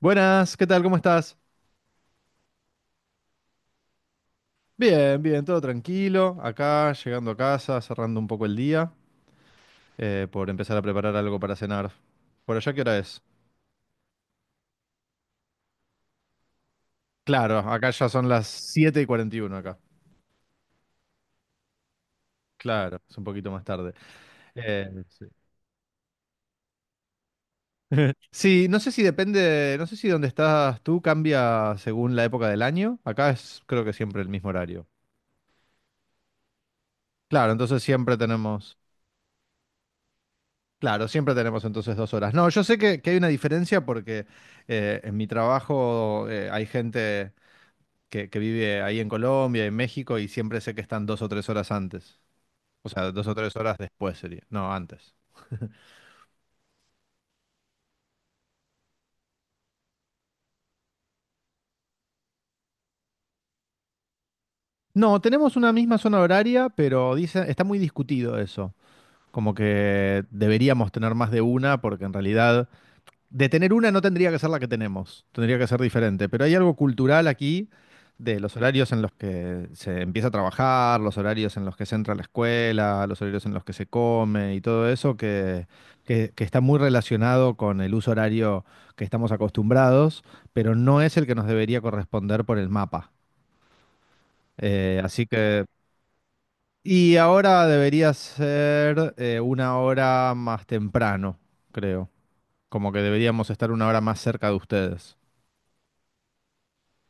Buenas, ¿qué tal? ¿Cómo estás? Bien, bien, todo tranquilo. Acá, llegando a casa, cerrando un poco el día, por empezar a preparar algo para cenar. ¿Por allá qué hora es? Claro, acá ya son las 7:41 acá. Claro, es un poquito más tarde. Eh, sí, no sé si depende, no sé si donde estás tú cambia según la época del año. Acá es creo que siempre el mismo horario. Claro, entonces siempre tenemos. Claro, siempre tenemos entonces 2 horas. No, yo sé que hay una diferencia porque en mi trabajo hay gente que vive ahí en Colombia, en México, y siempre sé que están 2 o 3 horas antes. O sea, 2 o 3 horas después sería. No, antes. No, tenemos una misma zona horaria, pero dice, está muy discutido eso. Como que deberíamos tener más de una, porque en realidad de tener una no tendría que ser la que tenemos, tendría que ser diferente, pero hay algo cultural aquí de los horarios en los que se empieza a trabajar, los horarios en los que se entra a la escuela, los horarios en los que se come y todo eso que, que está muy relacionado con el uso horario que estamos acostumbrados, pero no es el que nos debería corresponder por el mapa. Así que. Y ahora debería ser 1 hora más temprano, creo. Como que deberíamos estar 1 hora más cerca de ustedes.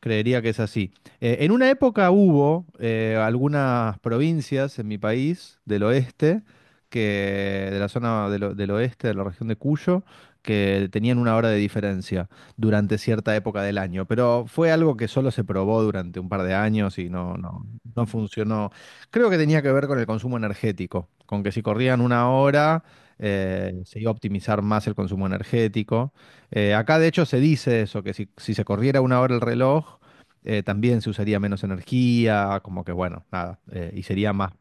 Creería que es así. En una época hubo algunas provincias en mi país del oeste, que, de la zona del oeste, de la región de Cuyo, que tenían 1 hora de diferencia durante cierta época del año. Pero fue algo que solo se probó durante un par de años y no, no, no funcionó. Creo que tenía que ver con el consumo energético, con que si corrían 1 hora, se iba a optimizar más el consumo energético. Acá de hecho se dice eso, que si, si se corriera 1 hora el reloj, también se usaría menos energía, como que bueno, nada, y sería más,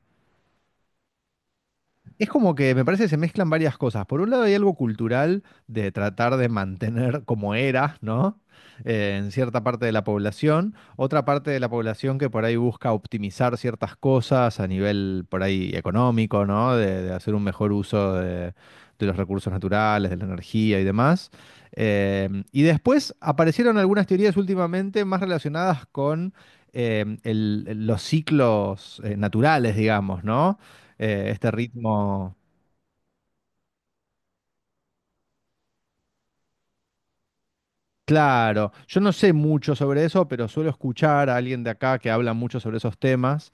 es como que me parece que se mezclan varias cosas. Por un lado hay algo cultural de tratar de mantener como era, ¿no? En cierta parte de la población. Otra parte de la población que por ahí busca optimizar ciertas cosas a nivel por ahí económico, ¿no? De hacer un mejor uso de los recursos naturales, de la energía y demás. Y después aparecieron algunas teorías últimamente más relacionadas con los ciclos naturales, digamos, ¿no? Este ritmo. Claro, yo no sé mucho sobre eso, pero suelo escuchar a alguien de acá que habla mucho sobre esos temas,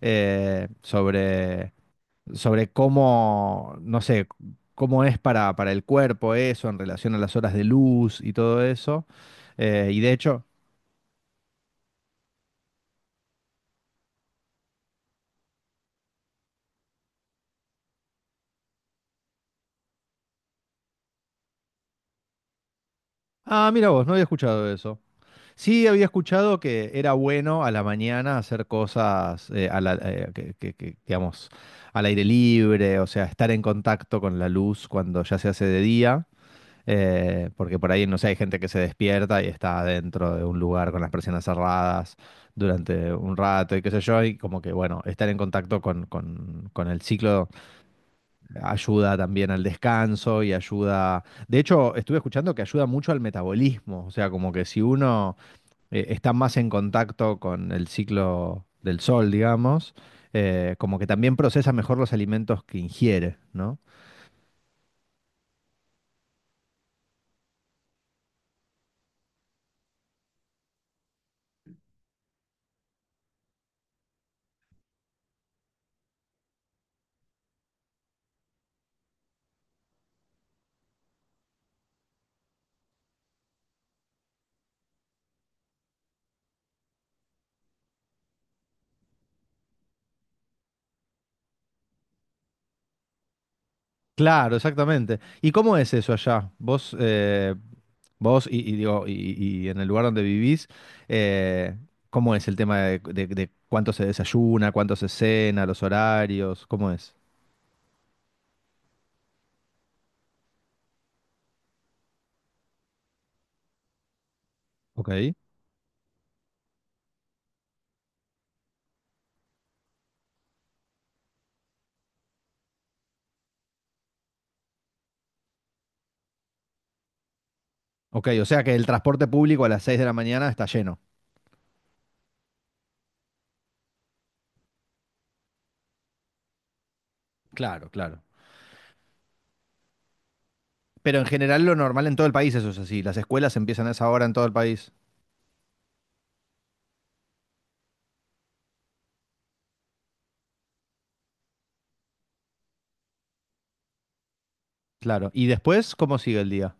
eh, sobre, sobre cómo, no sé, cómo es para el cuerpo eso en relación a las horas de luz y todo eso. Y de hecho, ah, mira vos, no había escuchado eso. Sí, había escuchado que era bueno a la mañana hacer cosas a la- que, digamos, al aire libre, o sea, estar en contacto con la luz cuando ya se hace de día, porque por ahí, no sé, hay gente que se despierta y está dentro de un lugar con las persianas cerradas durante un rato y qué sé yo, y como que, bueno, estar en contacto con, con el ciclo ayuda también al descanso y ayuda. De hecho, estuve escuchando que ayuda mucho al metabolismo, o sea, como que si uno están más en contacto con el ciclo del sol, digamos, como que también procesa mejor los alimentos que ingiere, ¿no? Claro, exactamente. ¿Y cómo es eso allá? Vos y digo, y en el lugar donde vivís, eh, ¿cómo es el tema de, de cuánto se desayuna, cuánto se cena, los horarios? ¿Cómo es? Ok. Ok, o sea que el transporte público a las 6 de la mañana está lleno. Claro, claro. Pero en general lo normal en todo el país eso es así. Las escuelas empiezan a esa hora en todo el país. Claro. ¿Y después cómo sigue el día?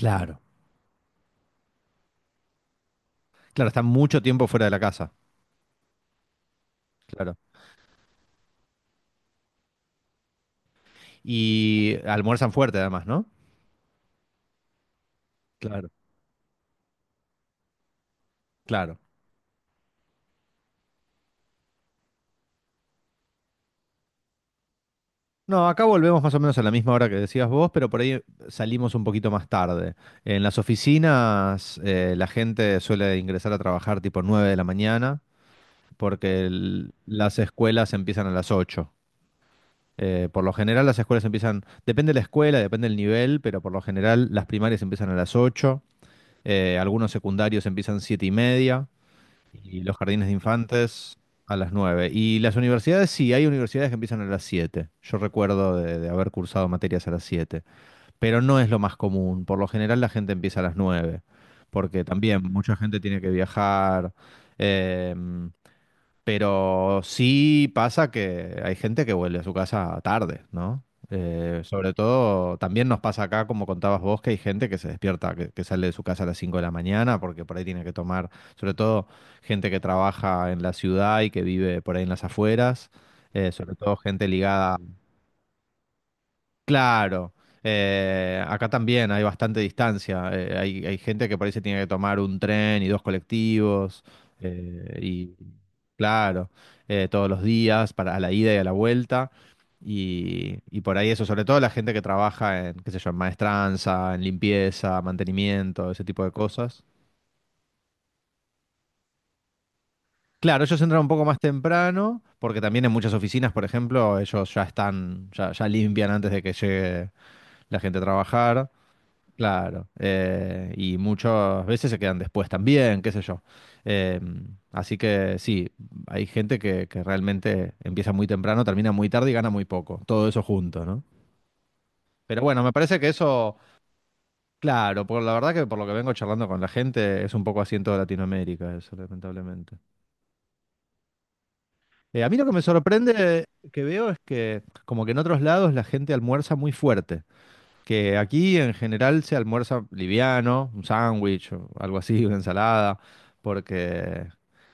Claro. Claro, están mucho tiempo fuera de la casa. Claro. Y almuerzan fuerte además, ¿no? Claro, claro. No, acá volvemos más o menos a la misma hora que decías vos, pero por ahí salimos un poquito más tarde. En las oficinas la gente suele ingresar a trabajar tipo 9 de la mañana porque las escuelas empiezan a las 8. Por lo general las escuelas empiezan, depende de la escuela, depende del nivel, pero por lo general las primarias empiezan a las 8. Algunos secundarios empiezan 7:30 y los jardines de infantes a las 9. Y las universidades, sí, hay universidades que empiezan a las 7. Yo recuerdo de haber cursado materias a las 7, pero no es lo más común. Por lo general la gente empieza a las 9 porque también mucha gente tiene que viajar. eh, pero sí pasa que hay gente que vuelve a su casa tarde, ¿no? Sobre todo, también nos pasa acá, como contabas vos, que hay gente que se despierta, que sale de su casa a las 5 de la mañana, porque por ahí tiene que tomar, sobre todo gente que trabaja en la ciudad y que vive por ahí en las afueras, sobre todo gente ligada. Claro, acá también hay bastante distancia. Hay gente que por ahí se tiene que tomar un tren y dos colectivos. Y claro, todos los días para a la ida y a la vuelta. Y por ahí eso, sobre todo la gente que trabaja en, qué sé yo, en maestranza, en limpieza, mantenimiento, ese tipo de cosas. Claro, ellos entran un poco más temprano, porque también en muchas oficinas, por ejemplo, ellos ya están, ya limpian antes de que llegue la gente a trabajar. Claro, y muchas veces se quedan después también, qué sé yo. Eh, así que sí, hay gente que realmente empieza muy temprano, termina muy tarde y gana muy poco, todo eso junto, ¿no? Pero bueno, me parece que eso, claro, por la verdad que por lo que vengo charlando con la gente, es un poco así en toda Latinoamérica, eso, lamentablemente. A mí lo que me sorprende que veo es que como que en otros lados la gente almuerza muy fuerte. Que aquí en general se almuerza liviano, un sándwich o algo así, una ensalada, porque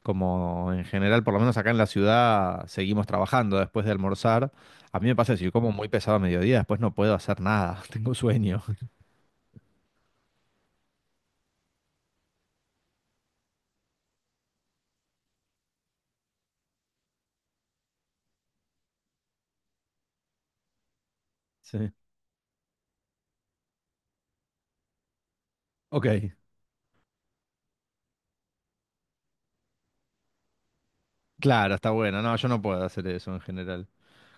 como en general, por lo menos acá en la ciudad, seguimos trabajando después de almorzar. A mí me pasa que si yo como muy pesado a mediodía, después no puedo hacer nada, tengo sueño. Sí. Ok, claro, está bueno. No, yo no puedo hacer eso en general.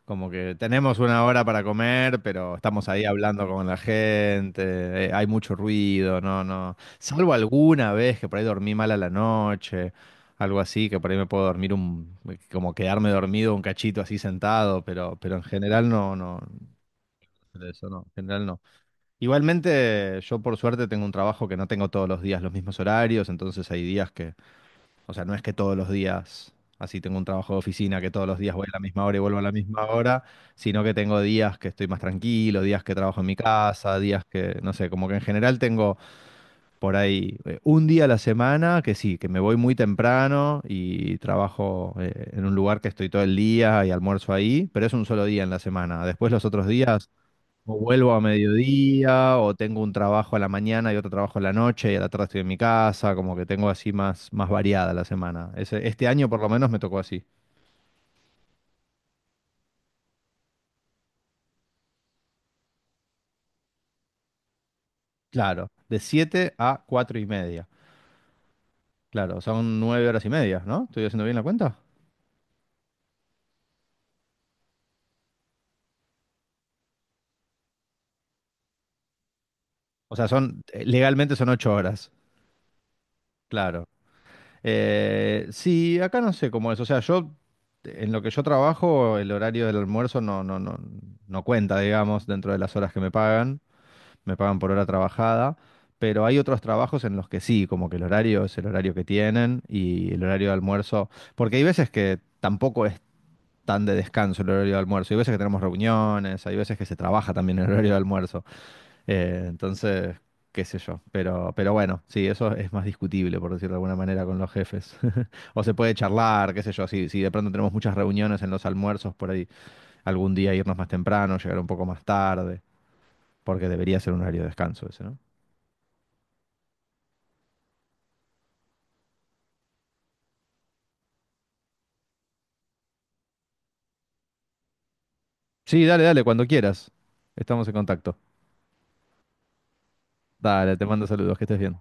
Como que tenemos 1 hora para comer, pero estamos ahí hablando con la gente, hay mucho ruido, no, no. Salvo alguna vez que por ahí dormí mal a la noche, algo así, que por ahí me puedo dormir un, como quedarme dormido un cachito así sentado, pero en general no, no, eso no, en general no. Igualmente, yo por suerte tengo un trabajo que no tengo todos los días los mismos horarios, entonces hay días que o sea, no es que todos los días, así tengo un trabajo de oficina, que todos los días voy a la misma hora y vuelvo a la misma hora, sino que tengo días que estoy más tranquilo, días que trabajo en mi casa, días que, no sé, como que en general tengo por ahí un día a la semana que sí, que me voy muy temprano y trabajo en un lugar que estoy todo el día y almuerzo ahí, pero es un solo día en la semana. Después los otros días o vuelvo a mediodía, o tengo un trabajo a la mañana y otro trabajo a la noche, y a la tarde estoy en mi casa, como que tengo así más, más variada la semana. Este año por lo menos me tocó así. Claro, de 7 a 4:30. Claro, son 9 horas y media, ¿no? ¿Estoy haciendo bien la cuenta? O sea, son, legalmente son 8 horas, claro. Sí, acá no sé cómo es. O sea, yo, en lo que yo trabajo, el horario del almuerzo no cuenta, digamos, dentro de las horas que me pagan. Me pagan por hora trabajada, pero hay otros trabajos en los que sí, como que el horario es el horario que tienen y el horario de almuerzo, porque hay veces que tampoco es tan de descanso el horario de almuerzo, hay veces que tenemos reuniones, hay veces que se trabaja también el horario de almuerzo, entonces, qué sé yo, pero bueno, sí, eso es más discutible, por decirlo de alguna manera, con los jefes. O se puede charlar, qué sé yo, si, si de pronto tenemos muchas reuniones en los almuerzos, por ahí algún día irnos más temprano, llegar un poco más tarde, porque debería ser un horario de descanso ese, ¿no? Sí, dale, dale, cuando quieras. Estamos en contacto. Dale, te mando saludos, que estés bien.